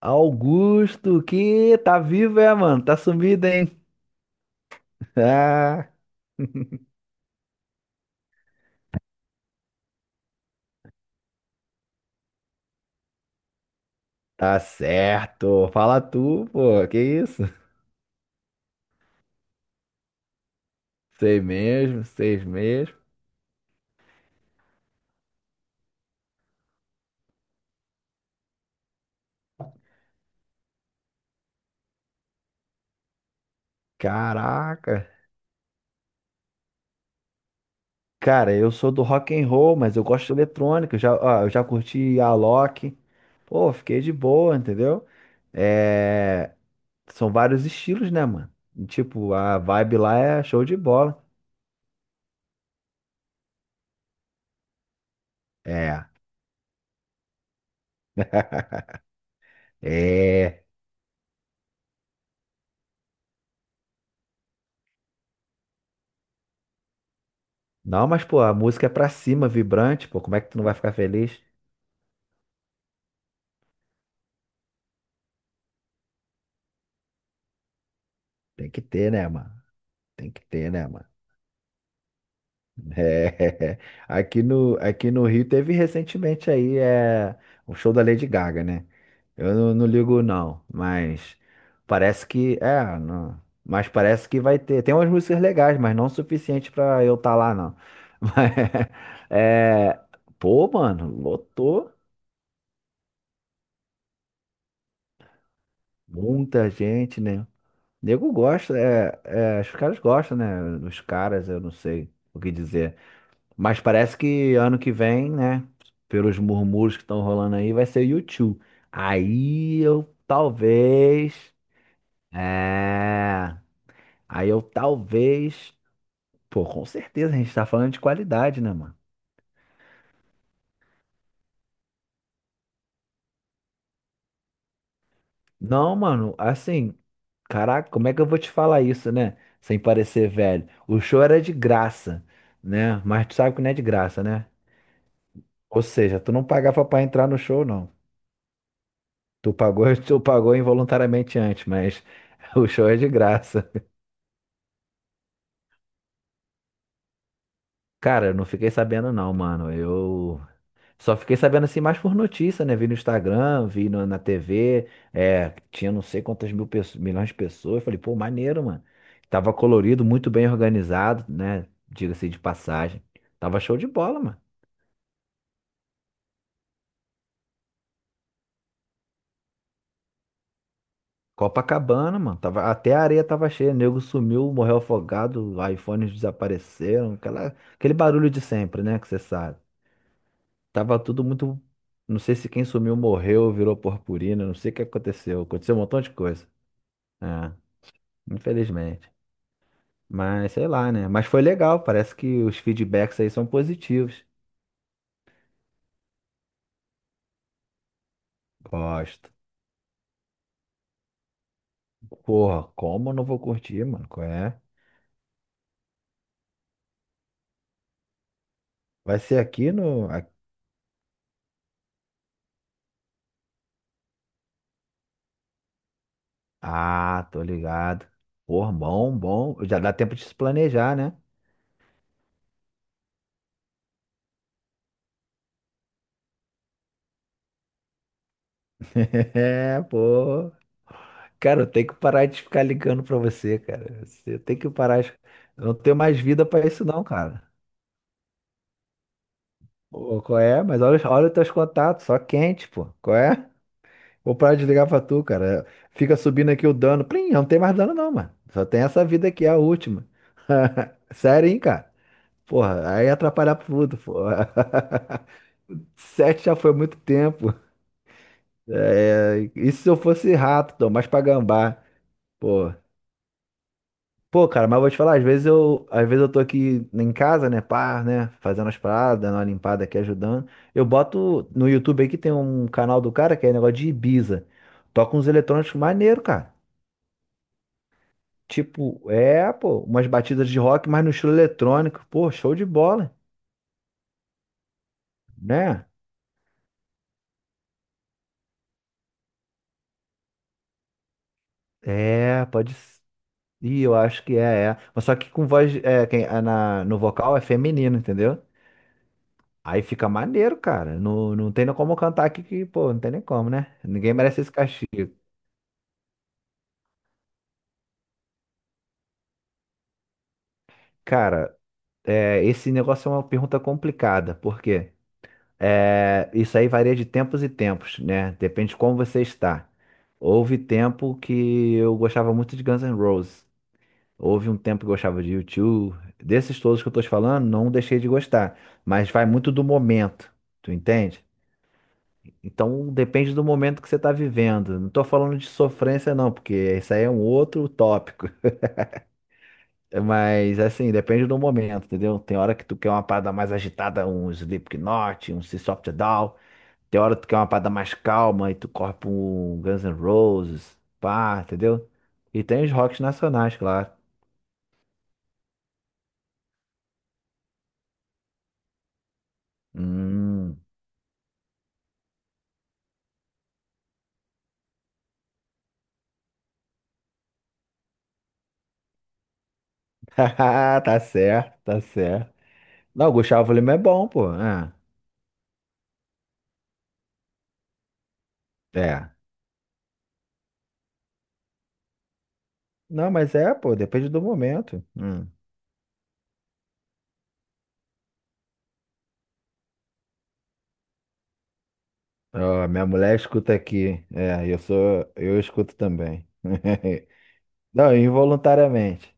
Augusto, que tá vivo, mano? Tá sumido, hein? Ah, tá certo. Fala tu, pô. Que isso? Sei mesmo, sei mesmo. Caraca. Cara, eu sou do rock and roll, mas eu gosto de eletrônica. Eu já curti Alok. Pô, fiquei de boa, entendeu? É, são vários estilos, né, mano? E, tipo, a vibe lá é show de bola. É. É. Não, mas, pô, a música é pra cima, vibrante, pô. Como é que tu não vai ficar feliz? Tem que ter, né, mano? Tem que ter, né, mano? É. Aqui no Rio teve recentemente aí o show da Lady Gaga, né? Eu não ligo, não, mas parece que. É, não, mas parece que vai ter. Tem umas músicas legais, mas não o suficiente pra eu estar lá, não. Mas, é, pô, mano, lotou muita gente, né? Nego gosta, os caras gostam, né? Dos caras, eu não sei o que dizer. Mas parece que ano que vem, né? Pelos murmúrios que estão rolando aí, vai ser o u Aí eu talvez. É. Aí eu talvez. Pô, com certeza, a gente tá falando de qualidade, né, mano? Não, mano, assim. Caraca, como é que eu vou te falar isso, né? Sem parecer velho. O show era de graça, né? Mas tu sabe que não é de graça, né? Ou seja, tu não pagava pra entrar no show, não. Tu pagou, tu pagou involuntariamente antes, mas o show é de graça. Cara, eu não fiquei sabendo não, mano. Eu só fiquei sabendo assim mais por notícia, né? Vi no Instagram, vi no- na TV, tinha não sei quantas milhões de pessoas. Falei, pô, maneiro, mano. Tava colorido, muito bem organizado, né? Diga-se de passagem. Tava show de bola, mano. Copacabana, mano. Tava, até a areia tava cheia. Nego sumiu, morreu afogado, iPhones desapareceram. Aquele barulho de sempre, né? Que você sabe. Tava tudo muito. Não sei se quem sumiu morreu, virou purpurina. Não sei o que aconteceu. Aconteceu um montão de coisa. É, infelizmente. Mas sei lá, né? Mas foi legal. Parece que os feedbacks aí são positivos. Gosto. Porra, como eu não vou curtir, mano? Qual é? Vai ser aqui no. Ah, tô ligado. Pô, bom, bom. Já dá tempo de se planejar, né? É, pô. Cara, eu tenho que parar de ficar ligando pra você, cara. Você tem que parar. Eu não tenho mais vida pra isso, não, cara. Ô, qual é? Mas olha, olha os teus contatos, só quente, pô. Qual é? Vou parar de ligar pra tu, cara. Fica subindo aqui o dano. Plim, não tem mais dano, não, mano. Só tem essa vida aqui, a última. Sério, hein, cara? Porra, aí ia atrapalhar tudo, pô. Sete já foi muito tempo. É, isso se eu fosse rato, então, mas pra gambá, pô. Pô, cara, mas eu vou te falar, às vezes eu tô aqui em casa, né, pá, né, fazendo as paradas, dando uma limpada aqui, ajudando. Eu boto no YouTube aí que tem um canal do cara que é negócio de Ibiza. Toca uns eletrônicos maneiro, cara. Tipo, pô, umas batidas de rock, mas no estilo eletrônico. Pô, show de bola, né? É, pode ser. Ih, eu acho que é, é. Mas só que com voz, no vocal é feminino, entendeu? Aí fica maneiro, cara. Não, não tem nem como cantar aqui que, pô, não tem nem como, né? Ninguém merece esse castigo. Cara, esse negócio é uma pergunta complicada, porque isso aí varia de tempos e tempos, né? Depende de como você está. Houve tempo que eu gostava muito de Guns N' Roses. Houve um tempo que eu gostava de U2. Desses todos que eu tô te falando, não deixei de gostar. Mas vai muito do momento, tu entende? Então depende do momento que você está vivendo. Não estou falando de sofrência, não, porque isso aí é um outro tópico. Mas assim, depende do momento, entendeu? Tem hora que tu quer uma parada mais agitada, um Slipknot, um System of a Down. Tem hora que tu quer uma parada mais calma e tu corre pra um Guns N' Roses, pá, entendeu? E tem os rocks nacionais, claro. Hum. Tá certo, tá certo. Não, o Gustavo Lima é bom, pô. É. É. Não, mas é, pô, depende do momento. Hum. Ó, minha mulher escuta aqui. É, eu escuto também. Não, involuntariamente.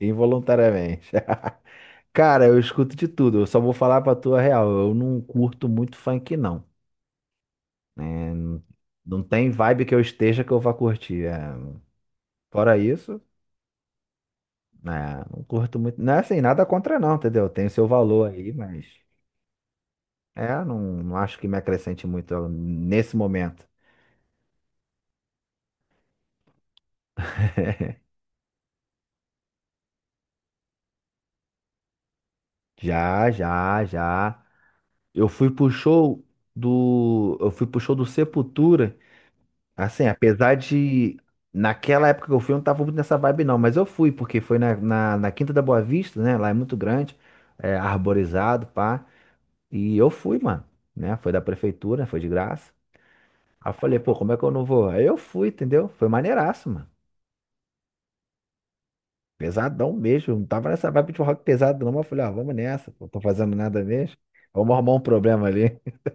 Involuntariamente. Cara, eu escuto de tudo. Eu só vou falar pra tua real. Eu não curto muito funk, não. N não tem vibe que eu esteja que eu vá curtir. É, fora isso, né, não curto muito. Não é assim, nada contra não, entendeu? Tem seu valor aí, mas não, não acho que me acrescente muito nesse momento. Já, já, já. Eu fui pro show Eu fui pro show do Sepultura. Assim, apesar de. Naquela época que eu fui, eu não tava muito nessa vibe, não. Mas eu fui, porque foi na, na Quinta da Boa Vista, né? Lá é muito grande, é arborizado, pá. E eu fui, mano. Né? Foi da prefeitura, foi de graça. Aí eu falei, pô, como é que eu não vou? Aí eu fui, entendeu? Foi maneiraço, mano. Pesadão mesmo. Eu não tava nessa vibe de rock pesado, não. Mas eu falei, ó, vamos nessa. Não tô fazendo nada mesmo. Vamos arrumar um problema ali.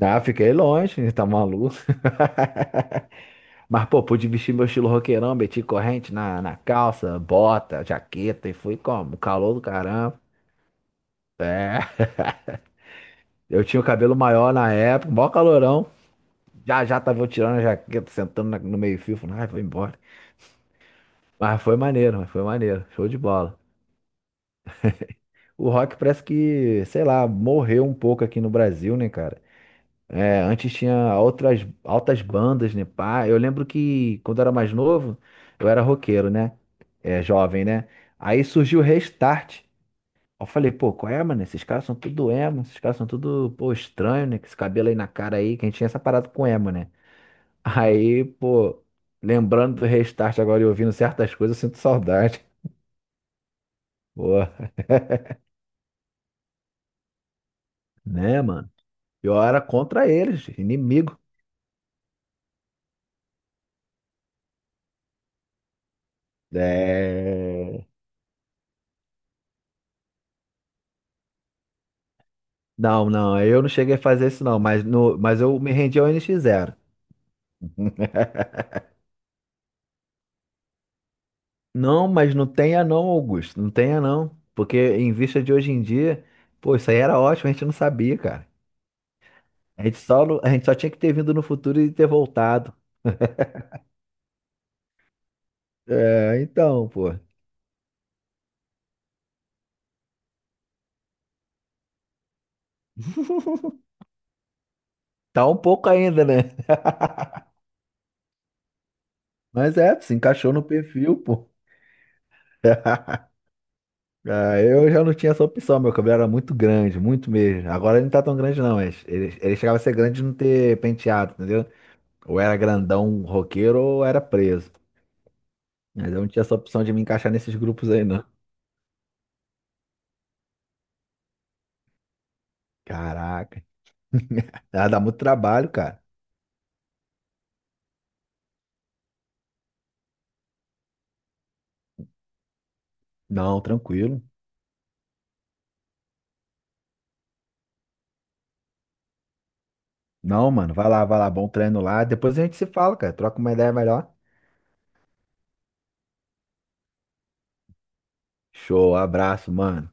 Ah, fiquei longe, tá maluco. Mas, pô, pude vestir meu estilo roqueirão, meti corrente na, na calça, bota, jaqueta e fui como? Calor do caramba. É, eu tinha o cabelo maior na época, maior calorão. Já já tava eu tirando a jaqueta, sentando no meio-fio, falando, ai, vou embora. Mas foi maneiro, show de bola. O rock parece que, sei lá, morreu um pouco aqui no Brasil, né, cara? É, antes tinha outras altas bandas, né, pá? Eu lembro que quando eu era mais novo, eu era roqueiro, né? É, jovem, né? Aí surgiu o Restart. Eu falei, pô, qual é, mano? Esses caras são tudo emo, esses caras são tudo, pô, estranho, né? Com esse cabelo aí na cara aí, que a gente tinha essa parada com emo, né? Aí, pô, lembrando do restart agora e ouvindo certas coisas, eu sinto saudade. Pô, né, mano? Eu era contra eles, inimigo. É... Não, não, eu não cheguei a fazer isso não, mas, no, mas eu me rendi ao NX Zero. Não, mas não tenha não, Augusto, não tenha não. Porque em vista de hoje em dia, pô, isso aí era ótimo, a gente não sabia, cara. A gente só, não- a gente só tinha que ter vindo no futuro e ter voltado. É, então, pô. Tá um pouco ainda, né? Mas se encaixou no perfil, pô. Ah, eu já não tinha essa opção, meu cabelo era muito grande, muito mesmo. Agora ele não tá tão grande, não, mas ele chegava a ser grande de não ter penteado, entendeu? Ou era grandão roqueiro ou era preso. Mas eu não tinha essa opção de me encaixar nesses grupos aí, não. Caraca. Ah, dá muito trabalho, cara. Não, tranquilo. Não, mano, vai lá, bom treino lá. Depois a gente se fala, cara. Troca uma ideia melhor. Show, abraço, mano.